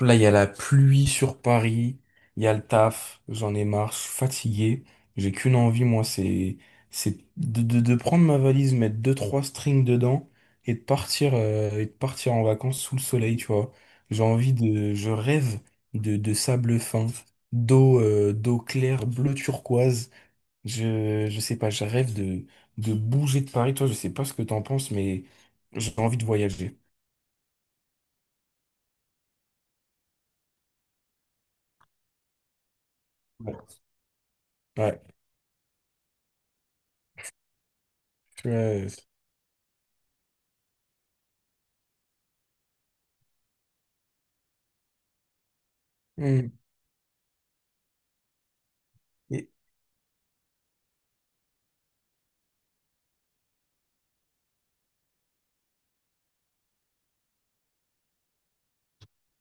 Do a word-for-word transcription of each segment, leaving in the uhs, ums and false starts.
Là, il y a la pluie sur Paris, il y a le taf, j'en ai marre, je suis fatigué. J'ai qu'une envie, moi, c'est c'est de, de, de prendre ma valise, mettre deux, trois strings dedans et de partir, euh, et de partir en vacances sous le soleil, tu vois. J'ai envie de, je rêve de, de sable fin, d'eau euh, d'eau claire, bleu turquoise. Je, je sais pas, je rêve de, de bouger de Paris. Toi, je sais pas ce que t'en penses, mais j'ai envie de voyager. Ouais. Ouais. Tu vois. euh, hmm.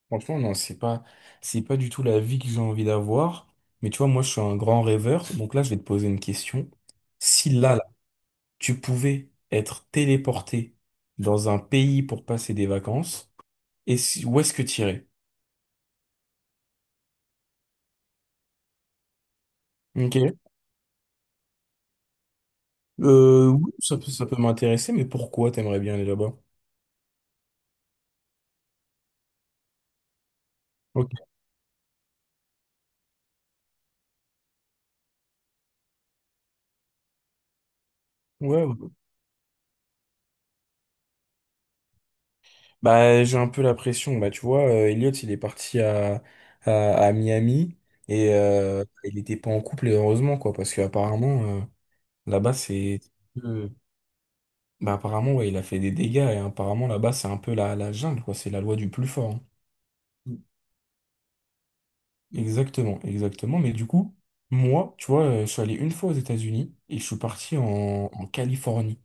Franchement, non, c'est pas, c'est pas du tout la vie que j'ai envie d'avoir. Mais tu vois, moi, je suis un grand rêveur. Donc là, je vais te poser une question. Si là, là, ouais, tu pouvais être téléporté dans un pays pour passer des vacances, et si- où est-ce que tu irais? Ok. Euh, oui, ça peut, ça peut m'intéresser, mais pourquoi t'aimerais bien aller là-bas? Ok. Ouais, ouais. Bah, j'ai un peu la pression. Bah, tu vois, euh, Elliot, il est parti à, à, à Miami et euh, il était pas en couple, heureusement, quoi, parce que apparemment. Là-bas, c'est... Euh, bah, apparemment, ouais, il a fait des dégâts et apparemment, là-bas, c'est un peu la, la jungle, quoi. C'est la loi du plus fort, hein. Exactement, exactement. Mais du coup, moi, tu vois, euh, je suis allé une fois aux États-Unis et je suis parti en, en Californie.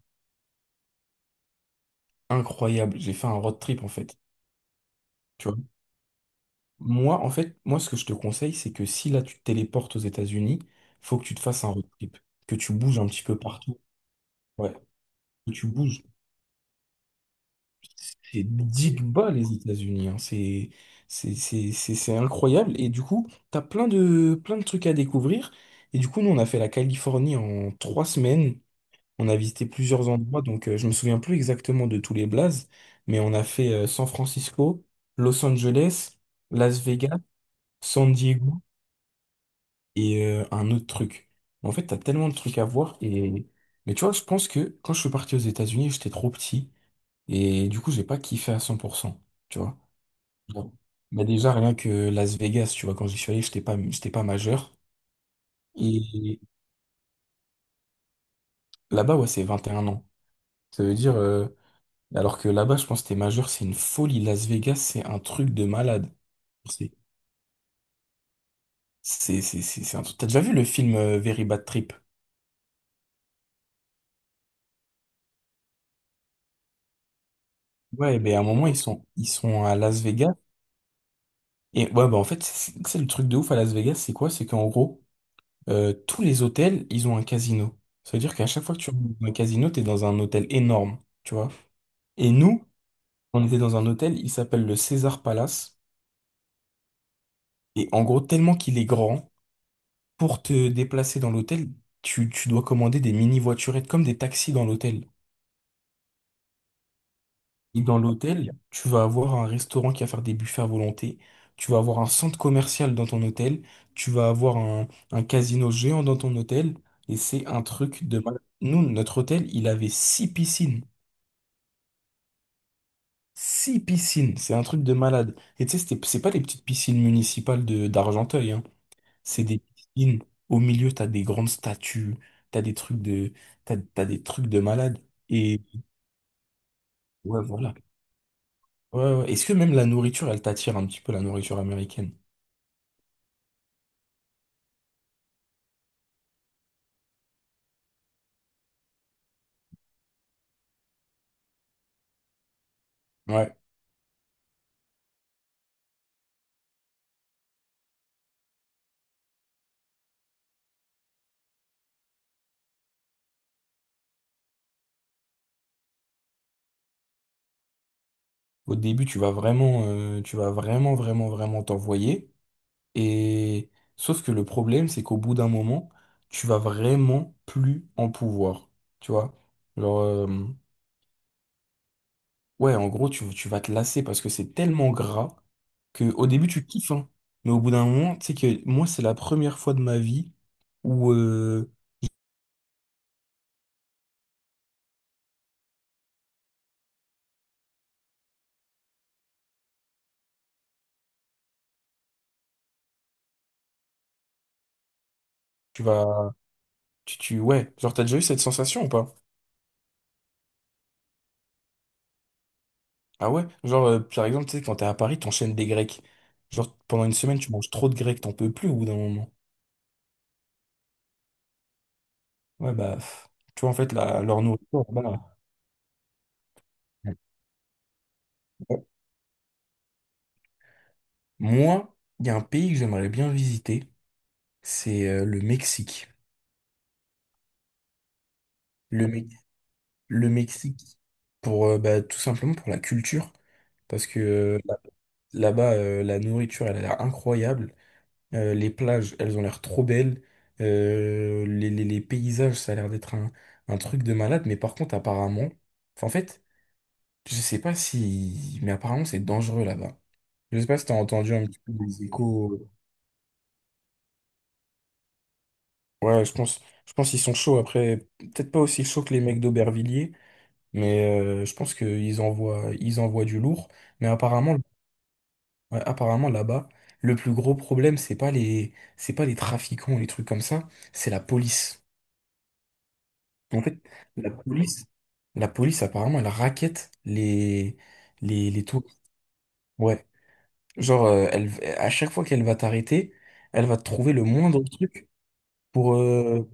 Incroyable. J'ai fait un road trip, en fait. Tu vois. Moi, en fait, moi, ce que je te conseille, c'est que si là, tu te téléportes aux États-Unis, faut que tu te fasses un road trip. Que tu bouges un petit peu partout. Ouais. Que tu bouges. Et dites bas les États-Unis, hein. C'est c'est- c'est- c'est- c'est incroyable. Et du coup, t'as plein de, plein de trucs à découvrir. Et du coup, nous, on a fait la Californie en trois semaines. On a visité plusieurs endroits, donc euh, je me souviens plus exactement de tous les blazes, mais on a fait euh, San Francisco, Los Angeles, Las Vegas, San Diego et euh, un autre truc. En fait, t'as tellement de trucs à voir. Et... Mais tu vois, je pense que quand je suis parti aux États-Unis, j'étais trop petit. Et du coup, j'ai pas kiffé à cent pour cent. Tu vois. Bon. Bah déjà, rien que Las Vegas, tu vois, quand j'y suis allé, j'étais pas, j'étais pas majeur. Et là-bas, ouais, c'est 21 ans. Ça veut dire, euh, alors que là-bas, je pense que t'es majeur, c'est une folie. Las Vegas, c'est un truc de malade. C'est, c'est, c'est, c'est c'est un truc. T'as déjà vu le film euh, Very Bad Trip? Ouais, ben à un moment, ils sont, ils sont à Las Vegas. Et ouais, bah en fait, c'est c'est le truc de ouf à Las Vegas, c'est quoi? C'est qu'en gros, euh, tous les hôtels, ils ont un casino. Ça veut dire qu'à chaque fois que tu rentres dans un casino, t'es dans un hôtel énorme, tu vois. Et nous, on était dans un hôtel, il s'appelle le César Palace. Et en gros, tellement qu'il est grand, pour te déplacer dans l'hôtel, tu, tu dois commander des mini-voiturettes comme des taxis dans l'hôtel. Et dans l'hôtel, tu vas avoir un restaurant qui va faire des buffets à volonté. Tu vas avoir un centre commercial dans ton hôtel. Tu vas avoir un, un casino géant dans ton hôtel. Et c'est un truc de malade. Nous, notre hôtel, il avait six piscines. Six piscines. C'est un truc de malade. Et tu sais, c'était- c'est pas les petites piscines municipales de d'Argenteuil, hein. C'est des piscines. Au milieu, t'as des grandes statues. T'as des trucs de, t'as, t'as des trucs de malade. Et ouais, voilà. Ouais, ouais, ouais. Est-ce que même la nourriture, elle t'attire un petit peu, la nourriture américaine? Ouais. Au début, tu vas vraiment, euh, tu vas vraiment, vraiment, vraiment t'envoyer. Et sauf que le problème, c'est qu'au bout d'un moment, tu vas vraiment plus en pouvoir. Tu vois? Genre, euh. Ouais, en gros, tu, tu vas te lasser parce que c'est tellement gras que au début, tu kiffes, hein. Mais au bout d'un moment, tu sais que moi, c'est la première fois de ma vie où euh, tu vas... Tu, tu, ouais, genre, t'as déjà eu cette sensation ou pas? Ah ouais? Genre, euh, par exemple, tu sais, quand t'es à Paris, t'enchaînes des grecs. Genre, pendant une semaine, tu manges trop de grecs, t'en peux plus au bout d'un moment. Ouais, bah, pff. Tu vois, en fait, la, leur nourriture, voilà. Moi, il y a un pays que j'aimerais bien visiter, c'est euh, le Mexique. Le, Me- le Mexique pour euh, bah, tout simplement pour la culture parce que euh, là- là-bas euh, la nourriture elle a l'air incroyable. Euh, les plages elles ont l'air trop belles. Euh, les, les- les paysages ça a l'air d'être un, un truc de malade mais par contre apparemment, enfin, en fait, je sais pas si mais apparemment c'est dangereux là-bas. Je sais pas si t'as entendu un petit peu des échos. Euh, ouais je pense, je pense qu'ils sont chauds après peut-être pas aussi chauds que les mecs d'Aubervilliers mais euh, je pense qu'ils envoient, ils envoient du lourd mais apparemment. Ouais, apparemment là-bas, le plus gros problème, c'est pas les, c'est pas les trafiquants ou les trucs comme ça, c'est la police. En fait, la police, la police apparemment, elle raquette les, les, les touristes. Ouais. Genre, euh, elle, à chaque fois qu'elle va t'arrêter, elle va te trouver le moindre truc pour, euh,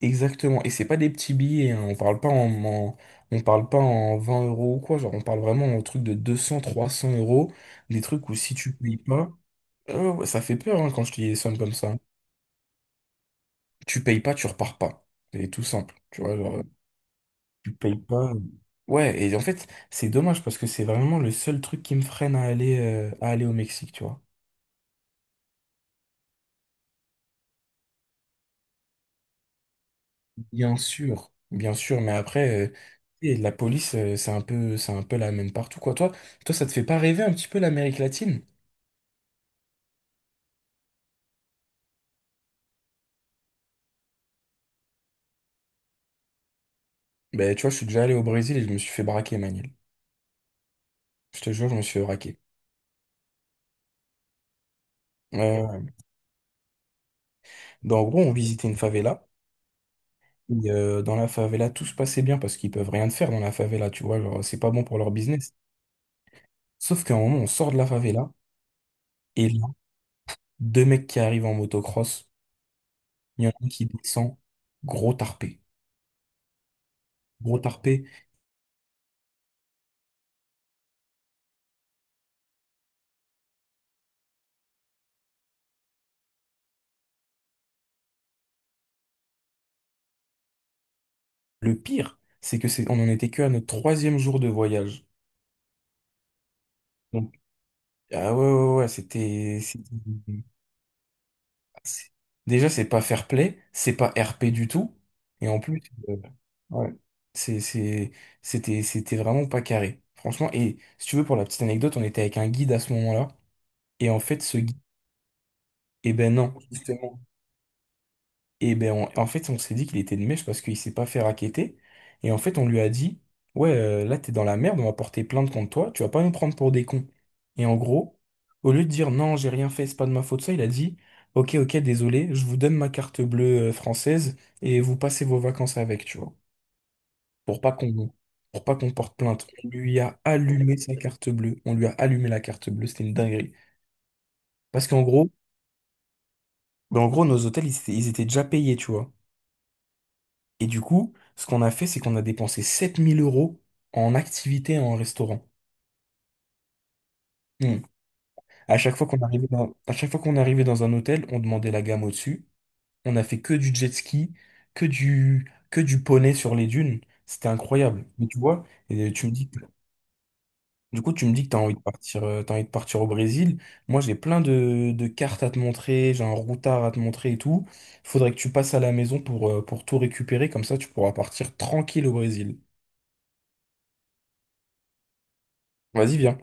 exactement. Et c'est pas des petits billets, hein. On parle pas en, en- on parle pas en vingt euros ou quoi. Genre, on parle vraiment en truc de deux cents trois cents euros. Des trucs où si tu payes pas, euh, ouais, ça fait peur, hein, quand je te dis des sommes comme ça. Tu payes pas, tu repars pas. C'est tout simple. Tu vois, genre, tu payes pas. Ouais, et en fait, c'est dommage parce que c'est vraiment le seul truc qui me freine à aller, euh, à aller au Mexique, tu vois. Bien sûr, bien sûr, mais après, euh, et la police, euh, c'est un peu, c'est un peu la même partout, quoi. Toi, toi, ça te fait pas rêver un petit peu l'Amérique latine? Ben, tu vois, je suis déjà allé au Brésil et je me suis fait braquer, Manil. Je te jure, je me suis fait braquer. Euh, donc, en gros, on visitait une favela. Et, euh, dans la favela, tout se passait bien parce qu'ils peuvent rien te faire dans la favela, tu vois. Genre, c'est pas bon pour leur business. Sauf qu'à un moment, on sort de la favela, et là, deux mecs qui arrivent en motocross, il y en a un qui descend, gros tarpé. Gros tarpé. Le pire, c'est que c'est, on en était que à notre troisième jour de voyage. Donc, ah ouais, ouais, ouais, c'était, c'était- c'est- déjà, c'est pas fair play, c'est pas R P du tout, et en plus, euh, ouais, c'est, c'est- c'était, c'était vraiment pas carré. Franchement, et si tu veux, pour la petite anecdote, on était avec un guide à ce moment-là, et en fait, ce guide, eh ben non, justement. Et ben on- en fait, on s'est dit qu'il était de mèche parce qu'il s'est pas fait racketter. Et en fait, on lui a dit, ouais, euh, là, t'es dans la merde, on va porter plainte contre toi, tu vas pas nous prendre pour des cons. Et en gros, au lieu de dire non, j'ai rien fait, c'est pas de ma faute, ça, il a dit, ok, ok, désolé, je vous donne ma carte bleue euh, française et vous passez vos vacances avec, tu vois, pour pas qu'on pour pas qu'on porte plainte. On lui a allumé sa carte bleue, on lui a allumé la carte bleue, c'était une dinguerie. Parce qu'en gros, ben en gros, nos hôtels, ils, étaient ils étaient déjà payés, tu vois. Et du coup, ce qu'on a fait, c'est qu'on a dépensé sept mille euros en activité et en restaurant. Hmm. À chaque fois qu'on arrivait dans, à chaque fois qu'on arrivait dans un hôtel, on demandait la gamme au-dessus. On a fait que du jet ski, que du, que du poney sur les dunes. C'était incroyable. Mais tu vois, et tu me dis que- du coup, tu me dis que t'as envie de partir, euh, t'as envie de partir au Brésil. Moi, j'ai plein de, de cartes à te montrer, j'ai un routard à te montrer et tout. Faudrait que tu passes à la maison pour, euh, pour tout récupérer. Comme ça, tu pourras partir tranquille au Brésil. Vas-y, viens.